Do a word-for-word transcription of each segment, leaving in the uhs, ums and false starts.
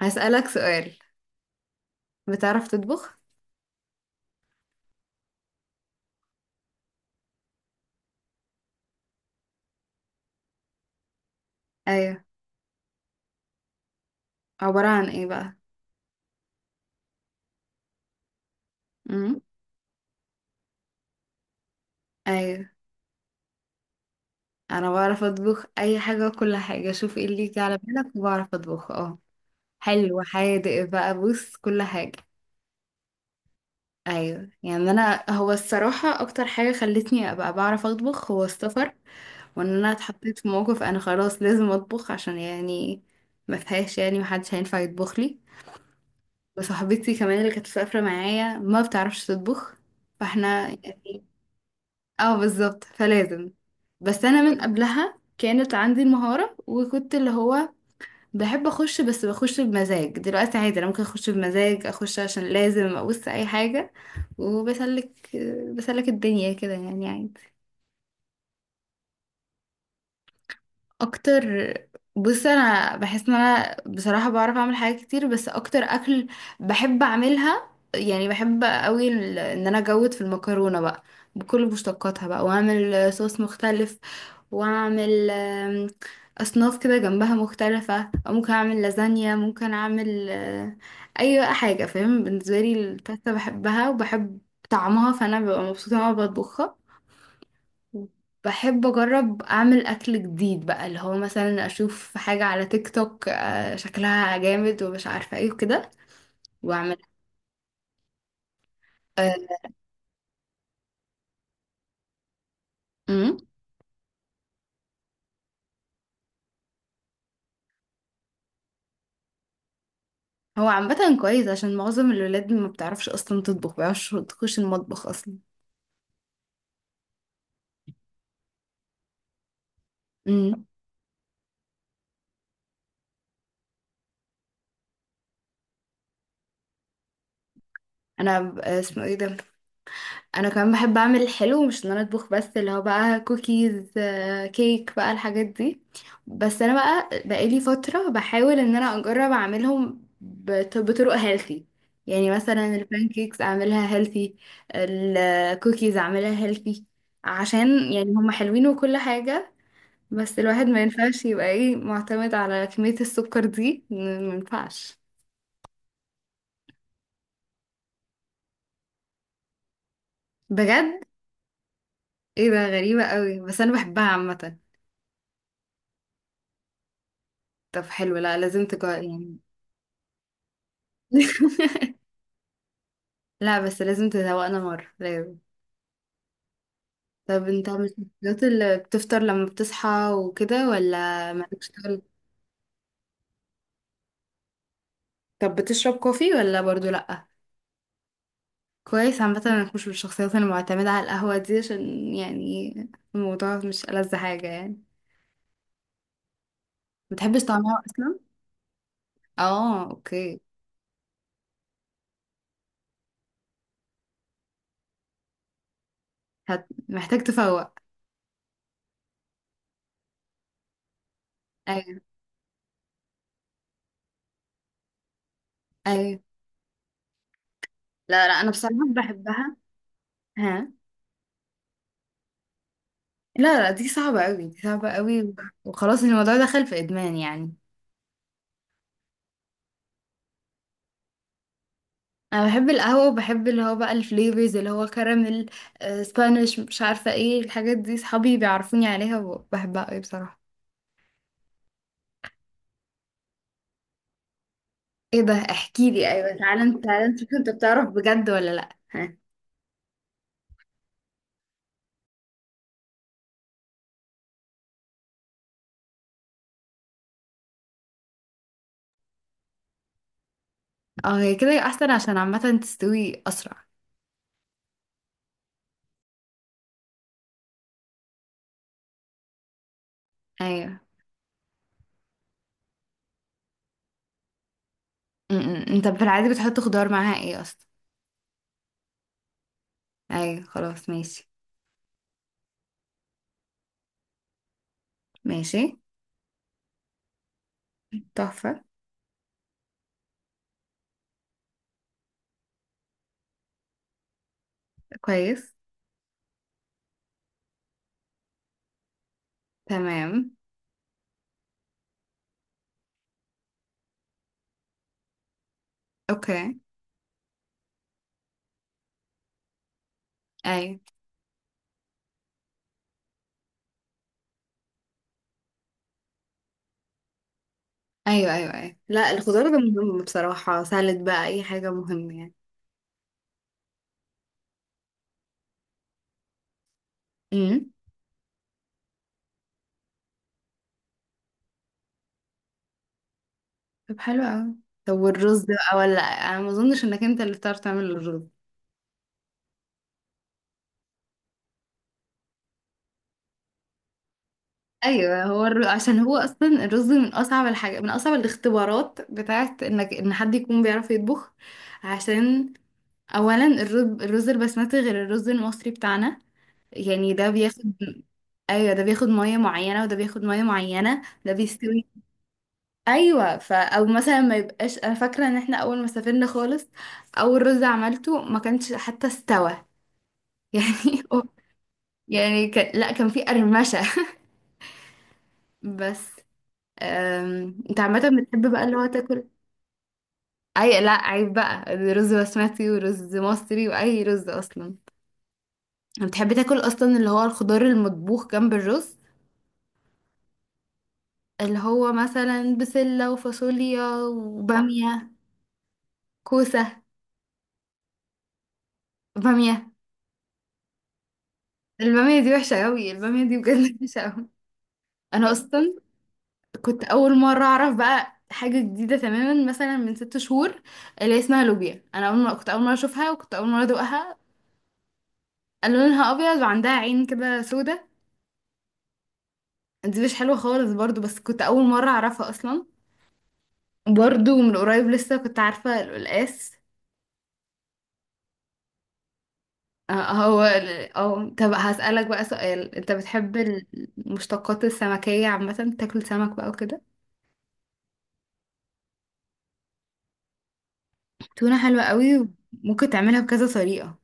هسألك سؤال. بتعرف تطبخ؟ ايوه. عبارة عن ايه بقى؟ امم. ايوه، انا بعرف اطبخ اي حاجة وكل حاجة، شوف ايه اللي يجي على بالك وبعرف اطبخه. اه حلو، حادق بقى، بص كل حاجة. ايوه يعني انا هو الصراحة اكتر حاجة خلتني ابقى بعرف اطبخ هو السفر، وان انا اتحطيت في موقف انا خلاص لازم اطبخ، عشان يعني ما فيهاش، يعني محدش هينفع يطبخ لي. وصاحبتي كمان اللي كانت مسافرة معايا ما بتعرفش تطبخ، فاحنا يعني. اه بالظبط، فلازم. بس انا من قبلها كانت عندي المهارة وكنت اللي هو بحب اخش، بس بخش بمزاج. دلوقتي عادي انا ممكن اخش بمزاج، اخش عشان لازم ابص اي حاجة وبسلك، بسلك الدنيا كده، يعني عادي. اكتر، بص انا بحس ان انا بصراحة بعرف اعمل حاجات كتير، بس اكتر اكل بحب اعملها يعني بحب قوي ال- ان انا اجود في المكرونة بقى، بكل مشتقاتها بقى، واعمل صوص مختلف، واعمل آم، اصناف كده جنبها مختلفة، او ممكن اعمل لازانيا، ممكن اعمل آه، اي بقى حاجة فاهم. بالنسبة لي الباستا بحبها وبحب طعمها، فانا ببقى مبسوطة وانا بطبخها. بحب اجرب اعمل اكل جديد بقى، اللي هو مثلا اشوف حاجة على تيك توك آه، شكلها جامد ومش عارفة ايه وكده واعمل آه، أمم. هو عامة كويس عشان معظم الولاد ما بتعرفش اصلا تطبخ، ما بيعرفش تخش المطبخ اصلا. امم. انا ب- آه، اسمه ايه ده، انا كمان بحب اعمل الحلو، مش ان انا اطبخ بس، اللي هو بقى كوكيز، آه، كيك بقى الحاجات دي. بس انا بقى بقالي فترة بحاول ان انا اجرب اعملهم بط- بطرق هيلثي. يعني مثلا البانكيكس اعملها هيلثي، الكوكيز اعملها هيلثي، عشان يعني هما حلوين وكل حاجة. بس الواحد ما ينفعش يبقى ايه، معتمد على كمية السكر دي، ما ينفعش. بجد؟ ايه ده غريبة قوي، بس انا بحبها عامة. طب حلو، لا لازم تجرب يعني. لا بس لازم تذوقنا مرة، لازم. طب انت مش من الشخصيات اللي بتفطر لما بتصحى وكده، ولا مالكش تقول؟ طب بتشرب كوفي ولا برضو لأ؟ كويس، عامة انك مش من الشخصيات المعتمدة على القهوة دي، عشان يعني الموضوع مش ألذ حاجة يعني. متحبش طعمها أصلا؟ اه اوكي. هت... محتاج تفوق. ايوه، ايوه. لا لا، انا بصراحة بحبها. ها؟ لا لا، دي صعبة قوي، دي صعبة قوي. وخلاص الموضوع دخل في إدمان يعني. انا بحب القهوه، وبحب اللي هو بقى الفليفرز، اللي هو كراميل، آه، سبانيش، مش عارفه ايه الحاجات دي، صحابي بيعرفوني عليها وبحبها قوي بصراحه. ايه ده، احكي لي، ايوه تعالى انت، تعالى انت شوف، انت بتعرف بجد ولا لا؟ ها. اه هي كده احسن، عشان عامه تستوي اسرع. ايوه، م- م. انت في العادي بتحط خضار معاها ايه اصلا؟ ايوه خلاص ماشي. ماشي. تحفه. كويس. تمام. اوكي. ايوه ايوه ايوه. ايوه لا الخضار ده مهم بصراحه، سالد بقى اي حاجه مهمه يعني. طب حلو قوي. طب والرز ده بقى؟ ولا انا ما اظنش انك انت اللي بتعرف تعمل الرز. ايوه. هو الر... عشان هو اصلا الرز من اصعب الحاجه، من اصعب الاختبارات بتاعت انك ان حد يكون بيعرف يطبخ، عشان اولا الرز، الرز البسمتي غير الرز المصري بتاعنا، يعني ده بياخد. ايوه، ده بياخد ميه معينه، وده بياخد ميه معينه، ده بيستوي. ايوه، فا او مثلا ما يبقاش، انا فاكره ان احنا اول ما سافرنا خالص، اول رز عملته ما كانش حتى استوى. يعني. يعني كان، لا كان في قرمشة. بس، أم... انت عامة بتحب بقى اللي هو تاكل؟ اي لا عيب بقى، رز بسمتي ورز مصري واي رز اصلا. بتحب تاكل اصلا اللي هو الخضار المطبوخ جنب الرز؟ اللي هو مثلا بسلة وفاصوليا وبامية، كوسة، بامية؟ البامية دي وحشة قوي، البامية دي بجد وحشة قوي. انا اصلا كنت اول مره اعرف بقى حاجه جديده تماما مثلا من ست شهور، اللي هي اسمها لوبيا، انا اول مره كنت اول مره اشوفها وكنت اول مره ادوقها. لونها ابيض وعندها عين كده سودا. دي مش حلوه خالص برضو، بس كنت اول مره اعرفها اصلا. برضو من قريب لسه كنت عارفه القلقاس. آه، هو ال- اه طب هسألك بقى سؤال، انت بتحب المشتقات السمكية عامة، تاكل سمك بقى وكده؟ تونة حلوة قوي، ممكن تعملها بكذا طريقة.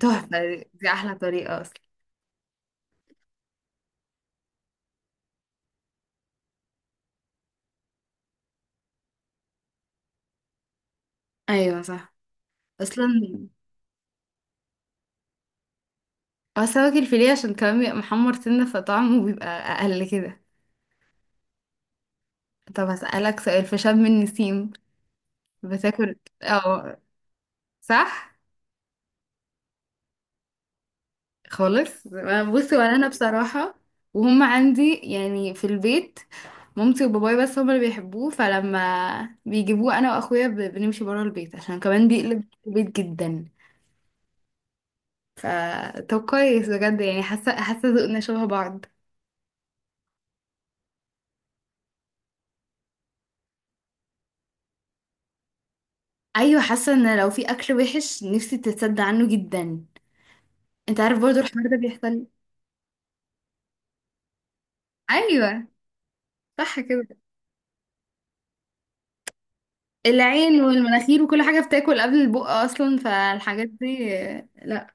تحفة، دي احلى طريقة اصلا. ايوه صح. اصلا هو السمك الفيليه عشان كمان بيبقى محمر سنة، فطعمه بيبقى اقل كده. طب هسألك سؤال، في شم النسيم بتاكل؟ اه صح. خالص، ما- بصي، ولا انا بصراحة، وهم عندي يعني في البيت مامتي وباباي بس هم اللي بيحبوه، فلما بيجيبوه انا واخويا ب- بنمشي برا البيت، عشان كمان بيقلب البيت جدا. ف، طب كويس بجد يعني، حاسه حاسه ذوقنا شبه بعض. ايوه، حاسه ان لو في اكل وحش نفسي تتصدى عنه جدا. انت عارف برضو الحوار ده بيحصل. ايوه صح كده. العين والمناخير وكل حاجه بتاكل قبل البق اصلا، فالحاجات دي آه، لا.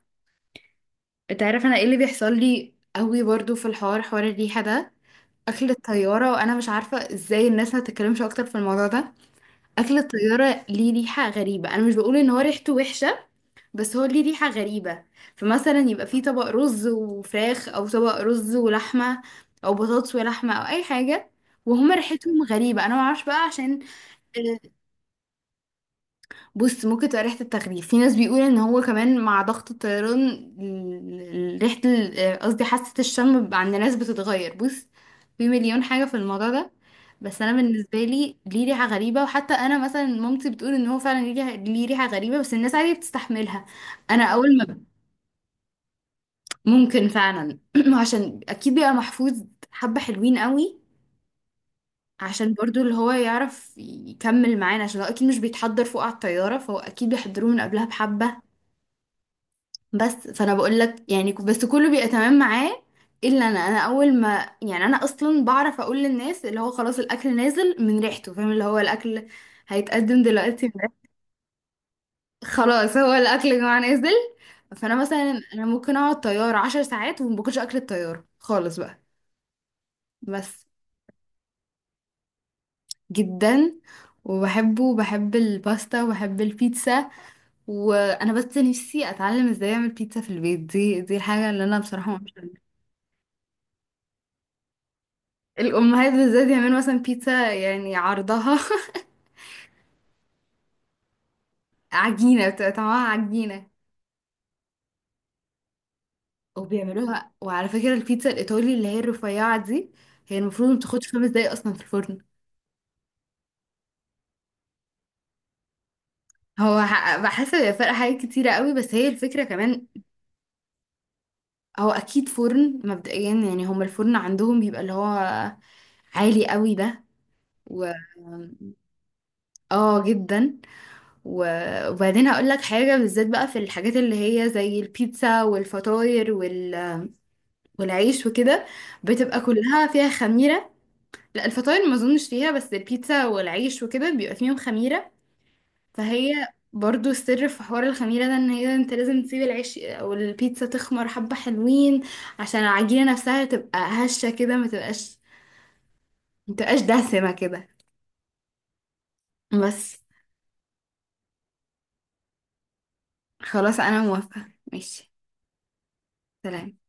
انت عارف انا ايه اللي بيحصل لي قوي برضو في الحوار، حوار الريحه ده؟ اكل الطياره، وانا مش عارفه ازاي الناس ما تتكلمش اكتر في الموضوع ده. اكل الطياره ليه ريحه غريبه، انا مش بقول ان هو ريحته وحشه، بس هو ليه ريحه غريبه. فمثلا يبقى فيه طبق رز وفراخ، او طبق رز ولحمه، او بطاطس ولحمه، او اي حاجه، وهما ريحتهم غريبه. انا ما اعرفش بقى عشان. بص ممكن تبقى ريحة التغليف، في ناس بيقول ان هو كمان مع ضغط الطيران ال- ال- ريحة ال- آه، قصدي حاسة الشم ب- عند ناس بتتغير. بص في مليون حاجة في الموضوع ده، بس انا بالنسبة لي ليه ريحة غريبة، وحتى انا مثلا مامتي بتقول ان هو فعلا ليه ريحة، ليه ريحة غريبة، بس الناس عادي بتستحملها. انا اول ما ب- ممكن فعلا. عشان اكيد بيبقى محفوظ حبة حلوين قوي، عشان برضو اللي هو يعرف يكمل معانا، عشان هو اكيد مش بيتحضر فوق على الطيارة، فهو اكيد بيحضروه من قبلها بحبة. بس فانا بقول لك يعني ك- بس كله بيبقى تمام معاه. الا انا، انا اول ما يعني، انا اصلا بعرف اقول للناس اللي هو خلاص الاكل نازل من ريحته، فاهم، اللي هو الاكل هيتقدم دلوقتي من ريحته. خلاص، هو الاكل يا جماعه نازل. فانا مثلا انا ممكن اقعد طياره عشر ساعات وما باكلش اكل الطياره خالص بقى. بس، جدا، وبحبه وبحب الباستا وبحب البيتزا، وانا بس نفسي اتعلم ازاي اعمل بيتزا في البيت، دي دي الحاجه اللي انا بصراحه. الأمهات بالذات يعملوا مثلا بيتزا يعني عرضها عجينة، بتبقى طعمها عجينة. وبيعملوها، وعلى فكرة البيتزا الإيطالي اللي هي الرفيعة دي، هي المفروض ما بتاخدش خمس دقايق أصلا في الفرن. هو ح- بحس هي فرق حاجات كتيرة قوي، بس هي الفكرة كمان. هو أكيد فرن مبدئيا، يعني هما الفرن عندهم بيبقى اللي هو عالي قوي ده. و، اه جدا. و- وبعدين هقول لك حاجة بالذات بقى، في الحاجات اللي هي زي البيتزا والفطاير والعيش وكده، بتبقى كلها فيها خميرة. لا الفطاير ما اظنش فيها، بس البيتزا والعيش وكده بيبقى فيهم خميرة. فهي، برضو السر في حوار الخميرة ده، ان هي انت لازم تسيب العيش او البيتزا تخمر حبة حلوين، عشان العجينة نفسها تبقى هشة كده، ما تبقاش، ما تبقاش دسمة كده. بس، خلاص انا موافقة ماشي. سلام.